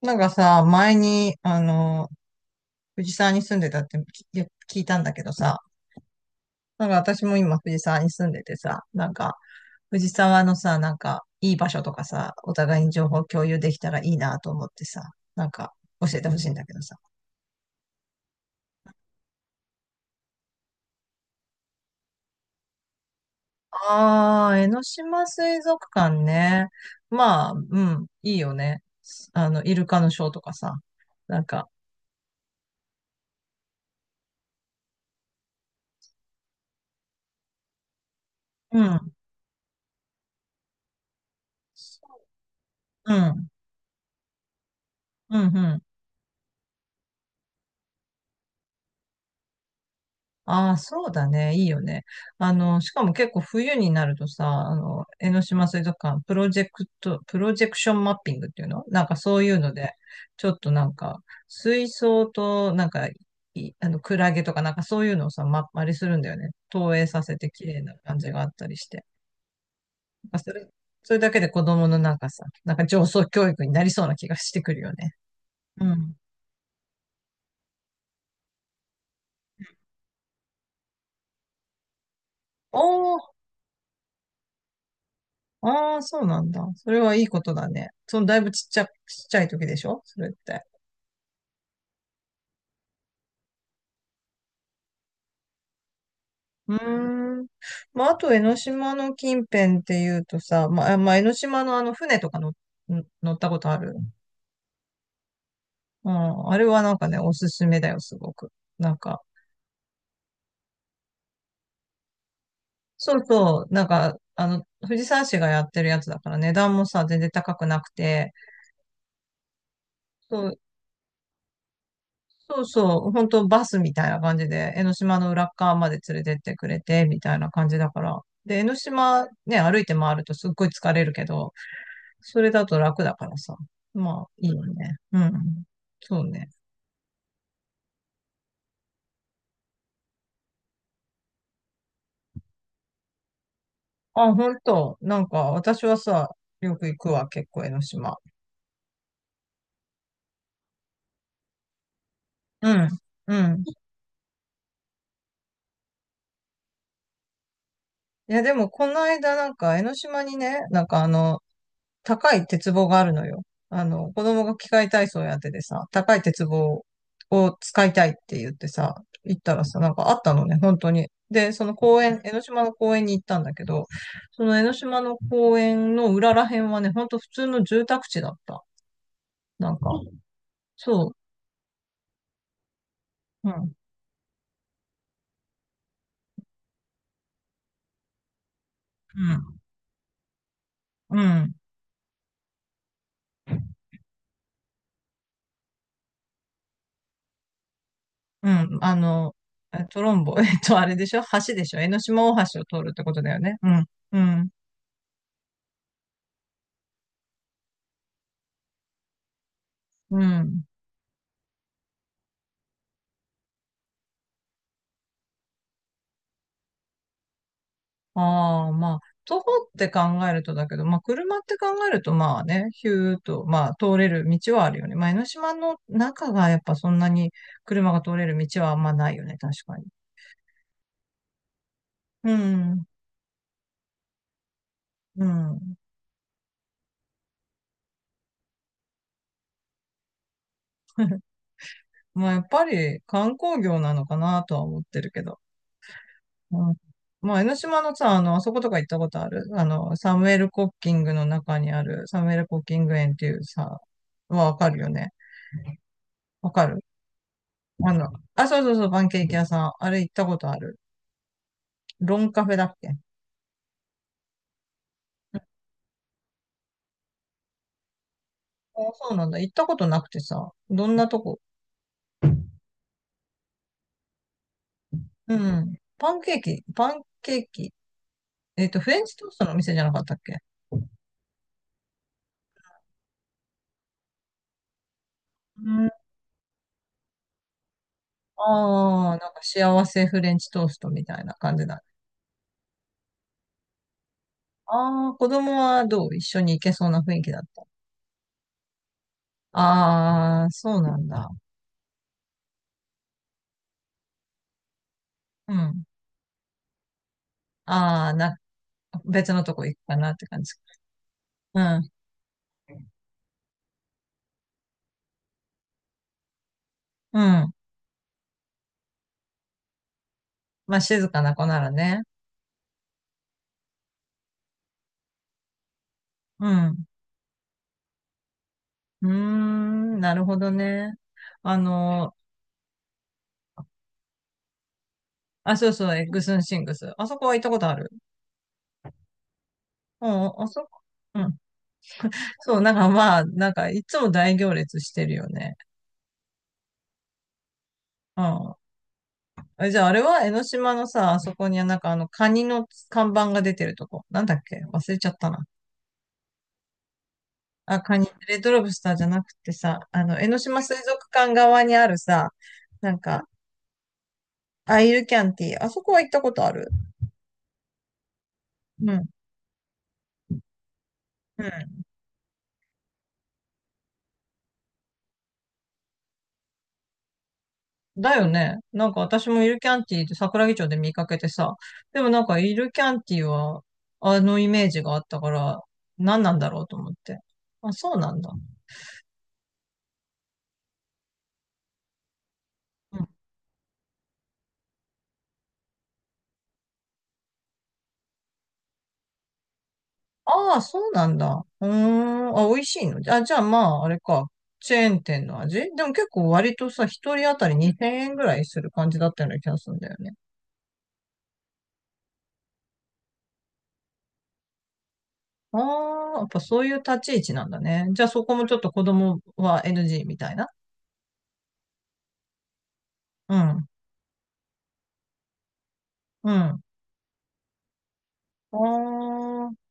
なんかさ、前に、あの、藤沢に住んでたってき聞いたんだけどさ、なんか私も今藤沢に住んでてさ、藤沢のさ、いい場所とかさ、お互いに情報共有できたらいいなと思ってさ、なんか、教えてほしいんだけどさ。ああ、江ノ島水族館ね。まあ、うん、いいよね。あの、イルカのショーとかさ、なんか、うん、うん、うん、うん。ああ、そうだね。いいよね。あの、しかも結構冬になるとさ、あの、江ノ島水族館、プロジェクションマッピングっていうのなんかそういうので、ちょっとなんか、水槽と、あの、クラゲとかなんかそういうのをさ、ま、あれするんだよね。投影させて綺麗な感じがあったりして。なんかそれ、それだけで子供のなんかさ、なんか上層教育になりそうな気がしてくるよね。うん。おー、ああ、そうなんだ。それはいいことだね。その、だいぶちっちゃ、ちっちゃい時でしょそれって。うーん。まあ、あと、江ノ島の近辺っていうとさ、まあ、江ノ島のあの、船とかの乗ったことある？うん。あれはなんかね、おすすめだよ、すごく。なんか、そうそう、なんか、あの、藤沢市がやってるやつだから値段もさ、全然高くなくて、そうそう、本当バスみたいな感じで、江ノ島の裏っ側まで連れてってくれて、みたいな感じだから。で、江ノ島ね、歩いて回るとすっごい疲れるけど、それだと楽だからさ。まあ、いいよね。うん。そうね。あ、本当なんか、私はさ、よく行くわ、結構江ノ島。うん。うん。いや、でも、この間、なんか、江ノ島にね、なんかあの、高い鉄棒があるのよ。あの、子供が器械体操やっててさ、高い鉄棒を使いたいって言ってさ、行ったらさ、なんかあったのね、本当に。で、その公園、江ノ島の公園に行ったんだけど、その江ノ島の公園の裏ら辺はね、ほんと普通の住宅地だった。なんか、そう、うん、うん、うん、うん、えトロンボ、えっと、あれでしょ？橋でしょ？江ノ島大橋を通るってことだよね。うん、うん、うん。ああ、まあ、徒歩って考えるとだけど、まあ、車って考えると、まあね、ヒューッと、まあ、通れる道はあるよね。まあ、江ノ島の中がやっぱそんなに車が通れる道はあんまないよね、確かに。うん、うん。まあ、やっぱり観光業なのかなとは思ってるけど。うん、まあ、江ノ島のさ、あの、あそことか行ったことある？あの、サムエル・コッキングの中にある、サムエル・コッキング園っていうさ、はわかるよね。わかる？あの、あ、そうそうそう、パンケーキ屋さん。あれ行ったことある？ロンカフェだっけ？あ、そうなんだ。行ったことなくてさ、どんなとこ？うん。パンケーキ、パンケーキ。えっと、フレンチトーストのお店じゃなかったっけ？うん。ああ、なんか幸せフレンチトーストみたいな感じだ。ああ、子供はどう？一緒に行けそうな雰囲気だった？ああー、そうなんだ。うん。ああ、な、別のとこ行くかなって感じ。うん。うん。まあ、静かな子ならね。うん。うーん、なるほどね。あの、あ、そうそう、エッグスンシングス。あそこは行ったことある。うん、あそこ。うん。そう、なんかまあ、なんかいつも大行列してるよね。うん。え、じゃああれは江ノ島のさ、あそこにはなんかあのカニの看板が出てるとこ。なんだっけ忘れちゃったな。あ、カニ、レッドロブスターじゃなくてさ、あの、江ノ島水族館側にあるさ、なんか、アイルキャンティー。あそこは行ったことある。うん。うん。だよね。なんか私もイルキャンティーって桜木町で見かけてさ。でもなんかイルキャンティーはあのイメージがあったから何なんだろうと思って。あ、そうなんだ。うん。ああ、そうなんだ。うーん。あ、美味しいの？あ、じゃあまあ、あれか。チェーン店の味でも結構割とさ、一人当たり2000円ぐらいする感じだったような気がするんだよね。ああ、やっぱそういう立ち位置なんだね。じゃあそこもちょっと子供は NG みたいな。うん。うん。ああ。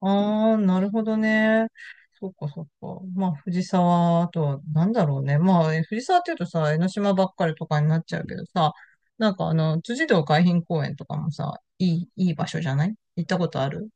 ああ、なるほどね。そっかそっか。まあ、藤沢、あとは、なんだろうね。まあ、え藤沢っていうとさ、江ノ島ばっかりとかになっちゃうけどさ、なんかあの、辻堂海浜公園とかもさ、いい場所じゃない？行ったことある？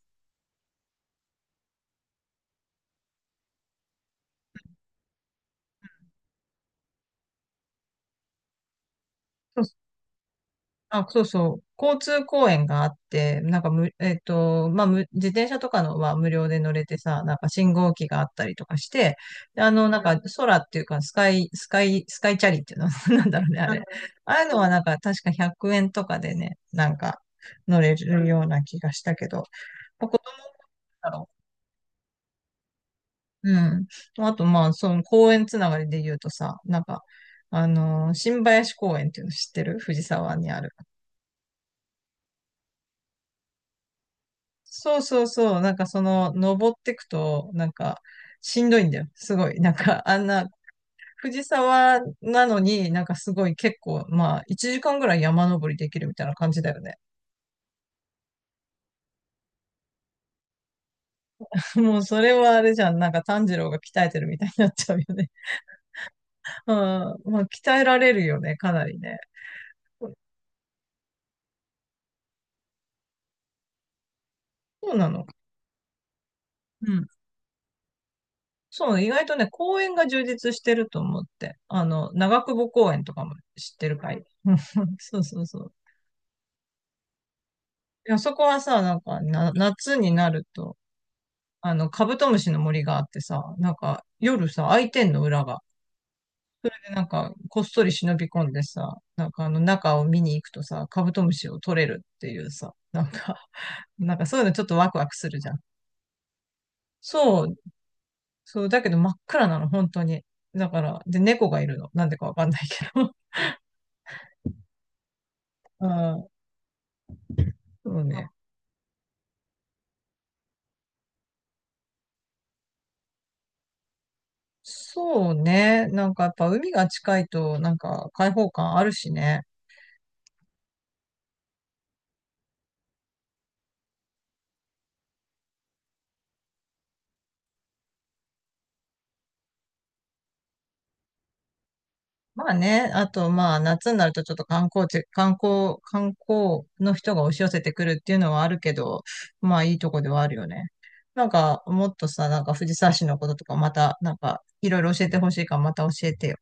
あ、そうそう。交通公園があって、なんかむ、えっと、まあ、自転車とかのは無料で乗れてさ、なんか信号機があったりとかして、であの、なんか空っていうか、スカイチャリっていうの なんだろうね、あれ。ああいうのはなんか確か100円とかでね、なんか乗れるような気がしたけど、まあ、子供だろう。うん。あと、まあ、その公園つながりで言うとさ、なんか、あの、新林公園っていうの知ってる？藤沢にある。そうそうそう、なんかその、登ってくと、なんか、しんどいんだよ。すごい。なんか、あんな、藤沢なのに、なんかすごい結構、まあ、1時間ぐらい山登りできるみたいな感じだよね。もうそれはあれじゃん。なんか炭治郎が鍛えてるみたいになっちゃうよね。うん。まあ、鍛えられるよね、かなりね。そうなの。うん。そうね、意外とね、公園が充実してると思って。あの、長久保公園とかも知ってるかい？ そうそうそう。いや、そこはさ、なんかな、夏になると、あの、カブトムシの森があってさ、なんか、夜さ、開いてんの、裏が。でなんか、こっそり忍び込んでさ、なんか、あの、中を見に行くとさ、カブトムシを取れるっていうさ、なんか なんかそういうのちょっとワクワクするじゃん。そう、そう、だけど真っ暗なの、本当に。だから、で、猫がいるの。なんでかわかんないけど。ああ、そうね。そうね。なんかやっぱ海が近いと、なんか開放感あるしね。まあね、あとまあ夏になるとちょっと観光地、観光、観光の人が押し寄せてくるっていうのはあるけど、まあいいとこではあるよね。なんかもっとさ、なんか藤沢市のこととかまた、なんかいろいろ教えてほしいからまた教えてよ。